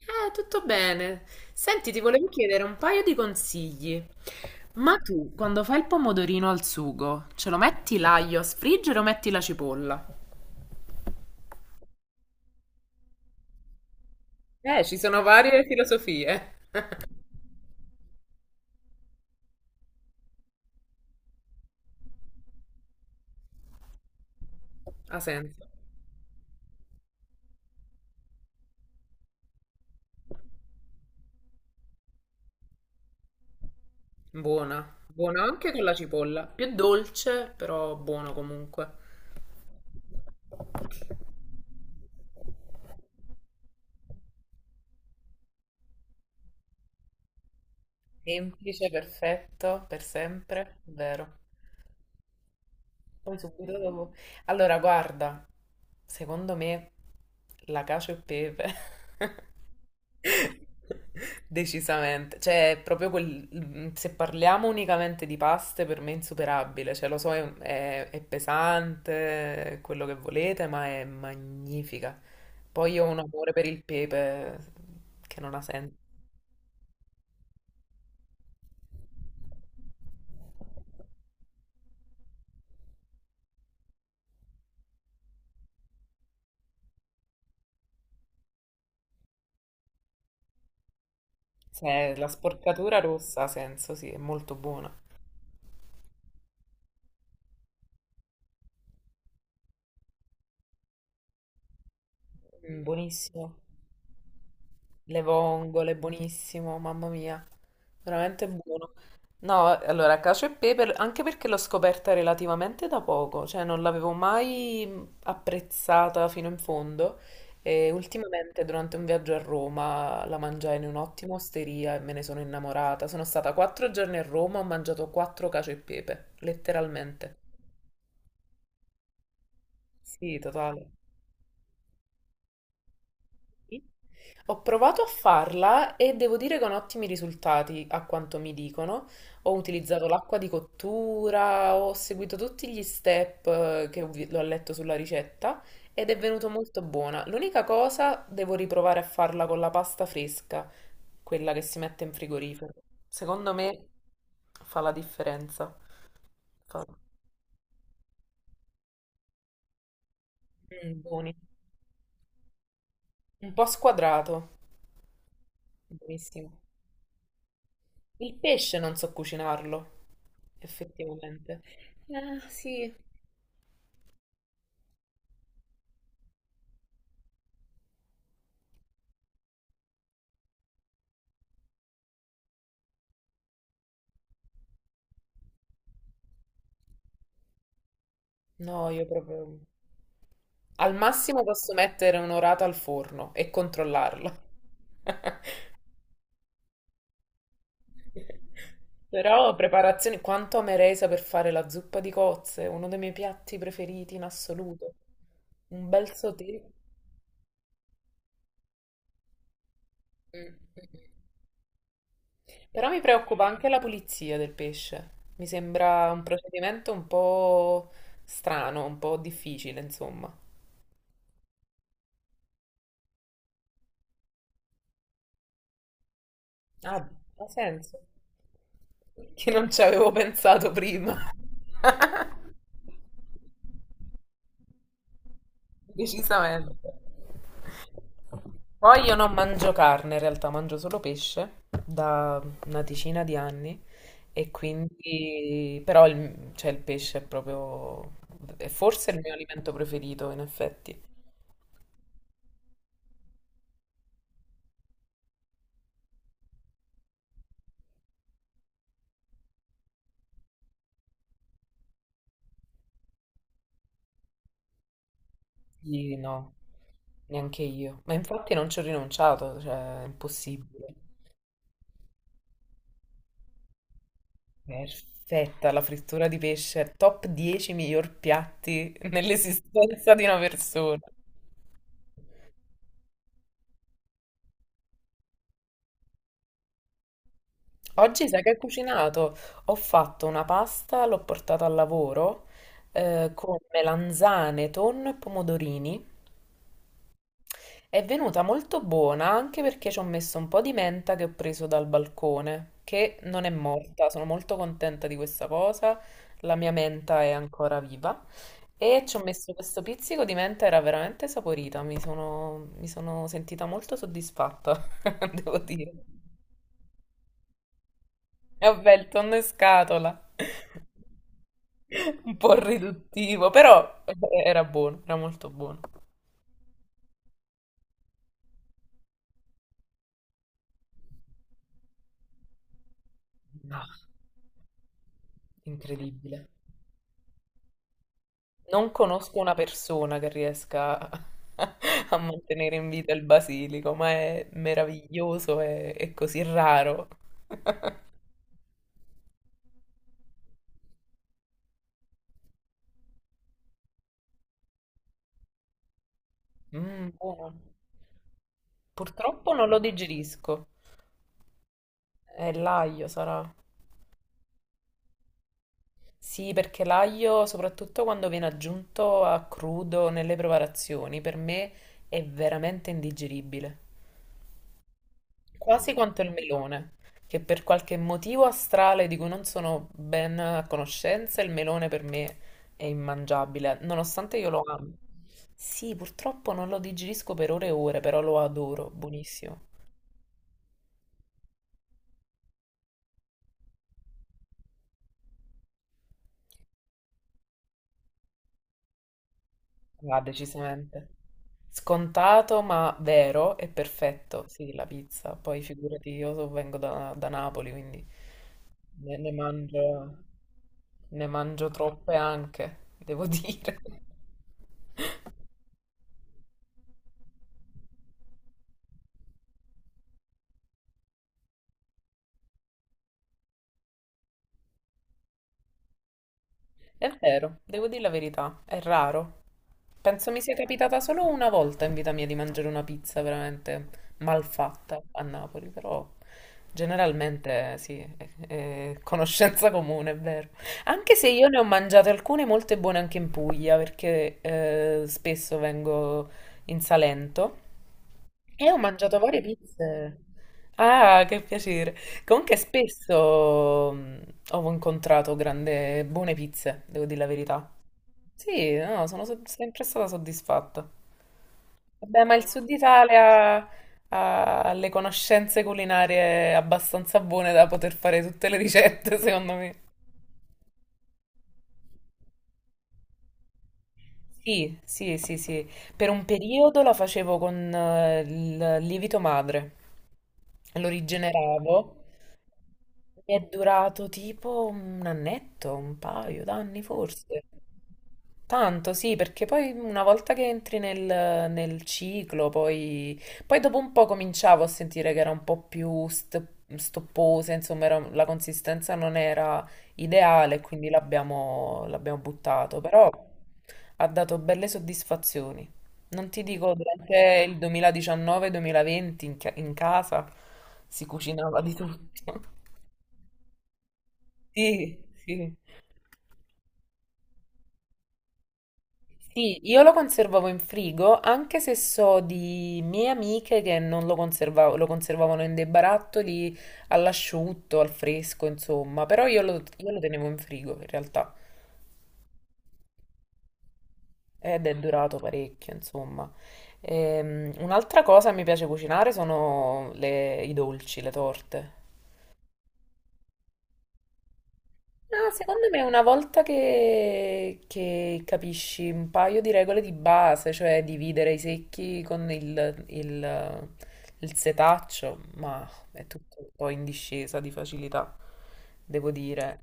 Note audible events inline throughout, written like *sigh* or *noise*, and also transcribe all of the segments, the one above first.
Tutto bene. Senti, ti volevo chiedere un paio di consigli. Ma tu, quando fai il pomodorino al sugo, ce lo metti l'aglio a sfriggere o metti la cipolla? Ci sono varie filosofie. Ha senso. Buona. Buona anche con la cipolla. Più dolce, però buono comunque. Semplice, perfetto, per sempre, vero. Poi subito dopo. Allora, guarda, secondo me la cacio e pepe. *laughs* Decisamente, cioè è proprio quel, se parliamo unicamente di paste per me è insuperabile, cioè lo so è pesante, è quello che volete, ma è magnifica. Poi io ho un amore per il pepe che non ha senso, cioè la sporcatura rossa ha senso, sì, è molto buona. Mm, buonissimo. Le vongole, buonissimo, mamma mia, veramente buono. No, allora, cacio e pepe, anche perché l'ho scoperta relativamente da poco, cioè non l'avevo mai apprezzata fino in fondo e ultimamente durante un viaggio a Roma la mangiai in un'ottima osteria e me ne sono innamorata. Sono stata 4 giorni a Roma, ho mangiato quattro cacio e pepe, letteralmente. Sì, totale. Ho provato a farla e devo dire con ottimi risultati, a quanto mi dicono. Ho utilizzato l'acqua di cottura, ho seguito tutti gli step che l'ho letto sulla ricetta ed è venuto molto buona. L'unica cosa, devo riprovare a farla con la pasta fresca, quella che si mette in frigorifero. Secondo me fa la differenza. Fa... Mm, buoni. Un po' squadrato. Buonissimo. Il pesce non so cucinarlo, effettivamente. Ah, sì. No, io proprio... Al massimo posso mettere un'orata al forno e controllarla. *laughs* Però preparazioni... Quanto amerei saper fare la zuppa di cozze, uno dei miei piatti preferiti in assoluto. Un bel sauté. Mm. Però mi preoccupa anche la pulizia del pesce. Mi sembra un procedimento un po' strano, un po' difficile, insomma. Ah, ha senso. Che non ci avevo pensato prima. *laughs* Decisamente. Poi io non mangio carne, in realtà mangio solo pesce da una decina di anni e quindi però il pesce è forse il mio alimento preferito in effetti. Quindi no, neanche io. Ma infatti non ci ho rinunciato, cioè è impossibile. Perfetta, la frittura di pesce, top 10 miglior piatti nell'esistenza di una persona. Oggi sai che ho cucinato? Ho fatto una pasta, l'ho portata al lavoro con melanzane, tonno e pomodorini. È venuta molto buona anche perché ci ho messo un po' di menta che ho preso dal balcone, che non è morta, sono molto contenta di questa cosa, la mia menta è ancora viva e ci ho messo questo pizzico di menta, era veramente saporita, mi sono sentita molto soddisfatta, *laughs* devo dire. E vabbè, il tonno in scatola, *laughs* un po' riduttivo, però era buono, era molto buono. No, incredibile. Non conosco una persona che riesca a *laughs* a mantenere in vita il basilico, ma è meraviglioso e è così raro. Mm, buono. Purtroppo non lo digerisco. È l'aglio, sarà. Sì, perché l'aglio, soprattutto quando viene aggiunto a crudo nelle preparazioni, per me è veramente indigeribile. Quasi quanto il melone, che per qualche motivo astrale di cui non sono ben a conoscenza, il melone per me è immangiabile, nonostante io lo ami. Sì, purtroppo non lo digerisco per ore e ore, però lo adoro, buonissimo. Va, decisamente. Scontato ma vero e perfetto. Sì, la pizza. Poi figurati, vengo da Napoli, quindi ne, ne mangio, ne mangio troppe anche, devo dire. *laughs* È vero, devo dire la verità, è raro. Penso mi sia capitata solo una volta in vita mia di mangiare una pizza veramente malfatta a Napoli, però generalmente sì, è conoscenza comune, è vero. Anche se io ne ho mangiate alcune molte buone anche in Puglia, perché spesso vengo in Salento e ho mangiato varie pizze. Ah, che piacere. Comunque spesso ho incontrato buone pizze, devo dire la verità. Sì, no, sono sempre stata soddisfatta. Vabbè, ma il Sud Italia ha le conoscenze culinarie abbastanza buone da poter fare tutte le ricette, *laughs* secondo me. Sì, sì, sì, sì. Per un periodo la facevo con il lievito madre. Lo rigeneravo. Mi è durato tipo un annetto, un paio d'anni forse. Tanto, sì, perché poi una volta che entri nel ciclo, poi dopo un po' cominciavo a sentire che era un po' più stopposa, insomma, la consistenza non era ideale, quindi l'abbiamo buttato, però ha dato belle soddisfazioni. Non ti dico, durante il 2019-2020 in casa si cucinava di tutto. Sì, sì. Sì, io lo conservavo in frigo, anche se so di mie amiche che non lo conservavo, lo conservavano in dei barattoli all'asciutto, al fresco, insomma, però io lo tenevo in frigo in realtà ed è durato parecchio, insomma. Un'altra cosa che mi piace cucinare sono i dolci, le torte. No, secondo me una volta che capisci un paio di regole di base, cioè dividere i secchi con il setaccio, ma è tutto un po' in discesa di facilità, devo dire.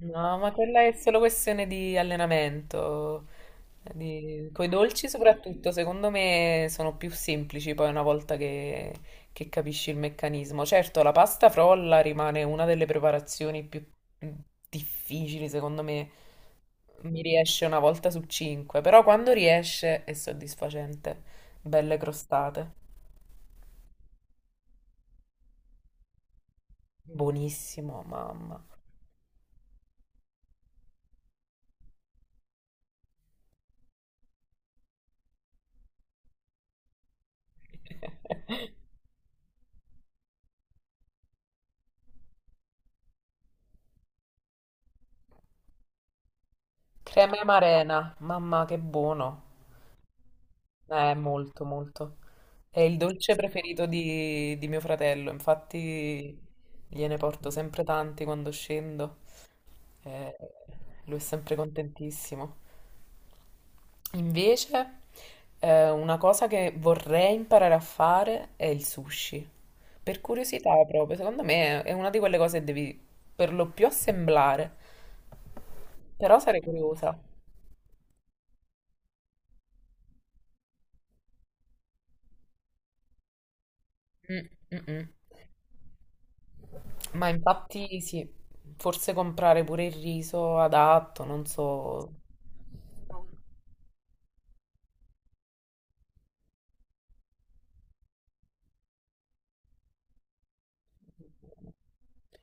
No, ma quella è solo questione di allenamento. Con i dolci soprattutto, secondo me sono più semplici poi una volta che capisci il meccanismo. Certo, la pasta frolla rimane una delle preparazioni più difficili, secondo me. Mi riesce una volta su cinque, però quando riesce è soddisfacente. Belle crostate. Buonissimo, mamma. *laughs* Crema e marena, mamma che buono. Molto, molto. È il dolce preferito di mio fratello, infatti gliene porto sempre tanti quando scendo. eh, lui è sempre contentissimo. Invece, una cosa che vorrei imparare a fare è il sushi. Per curiosità proprio, secondo me è una di quelle cose che devi per lo più assemblare, però sarei curiosa. Mm, mm, mm. Ma infatti sì, forse comprare pure il riso adatto, non so.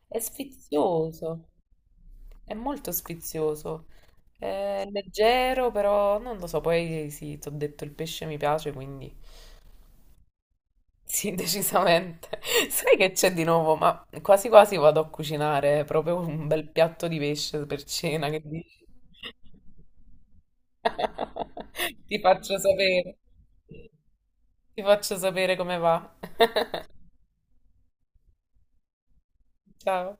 È sfizioso, è molto sfizioso. È leggero, però non lo so, poi sì, ti ho detto il pesce mi piace, quindi sì, *laughs* decisamente. Sai che c'è di nuovo? Ma quasi quasi vado a cucinare proprio un bel piatto di pesce per cena, che dici? *laughs* Ti faccio sapere. Ti faccio sapere come va. Ciao.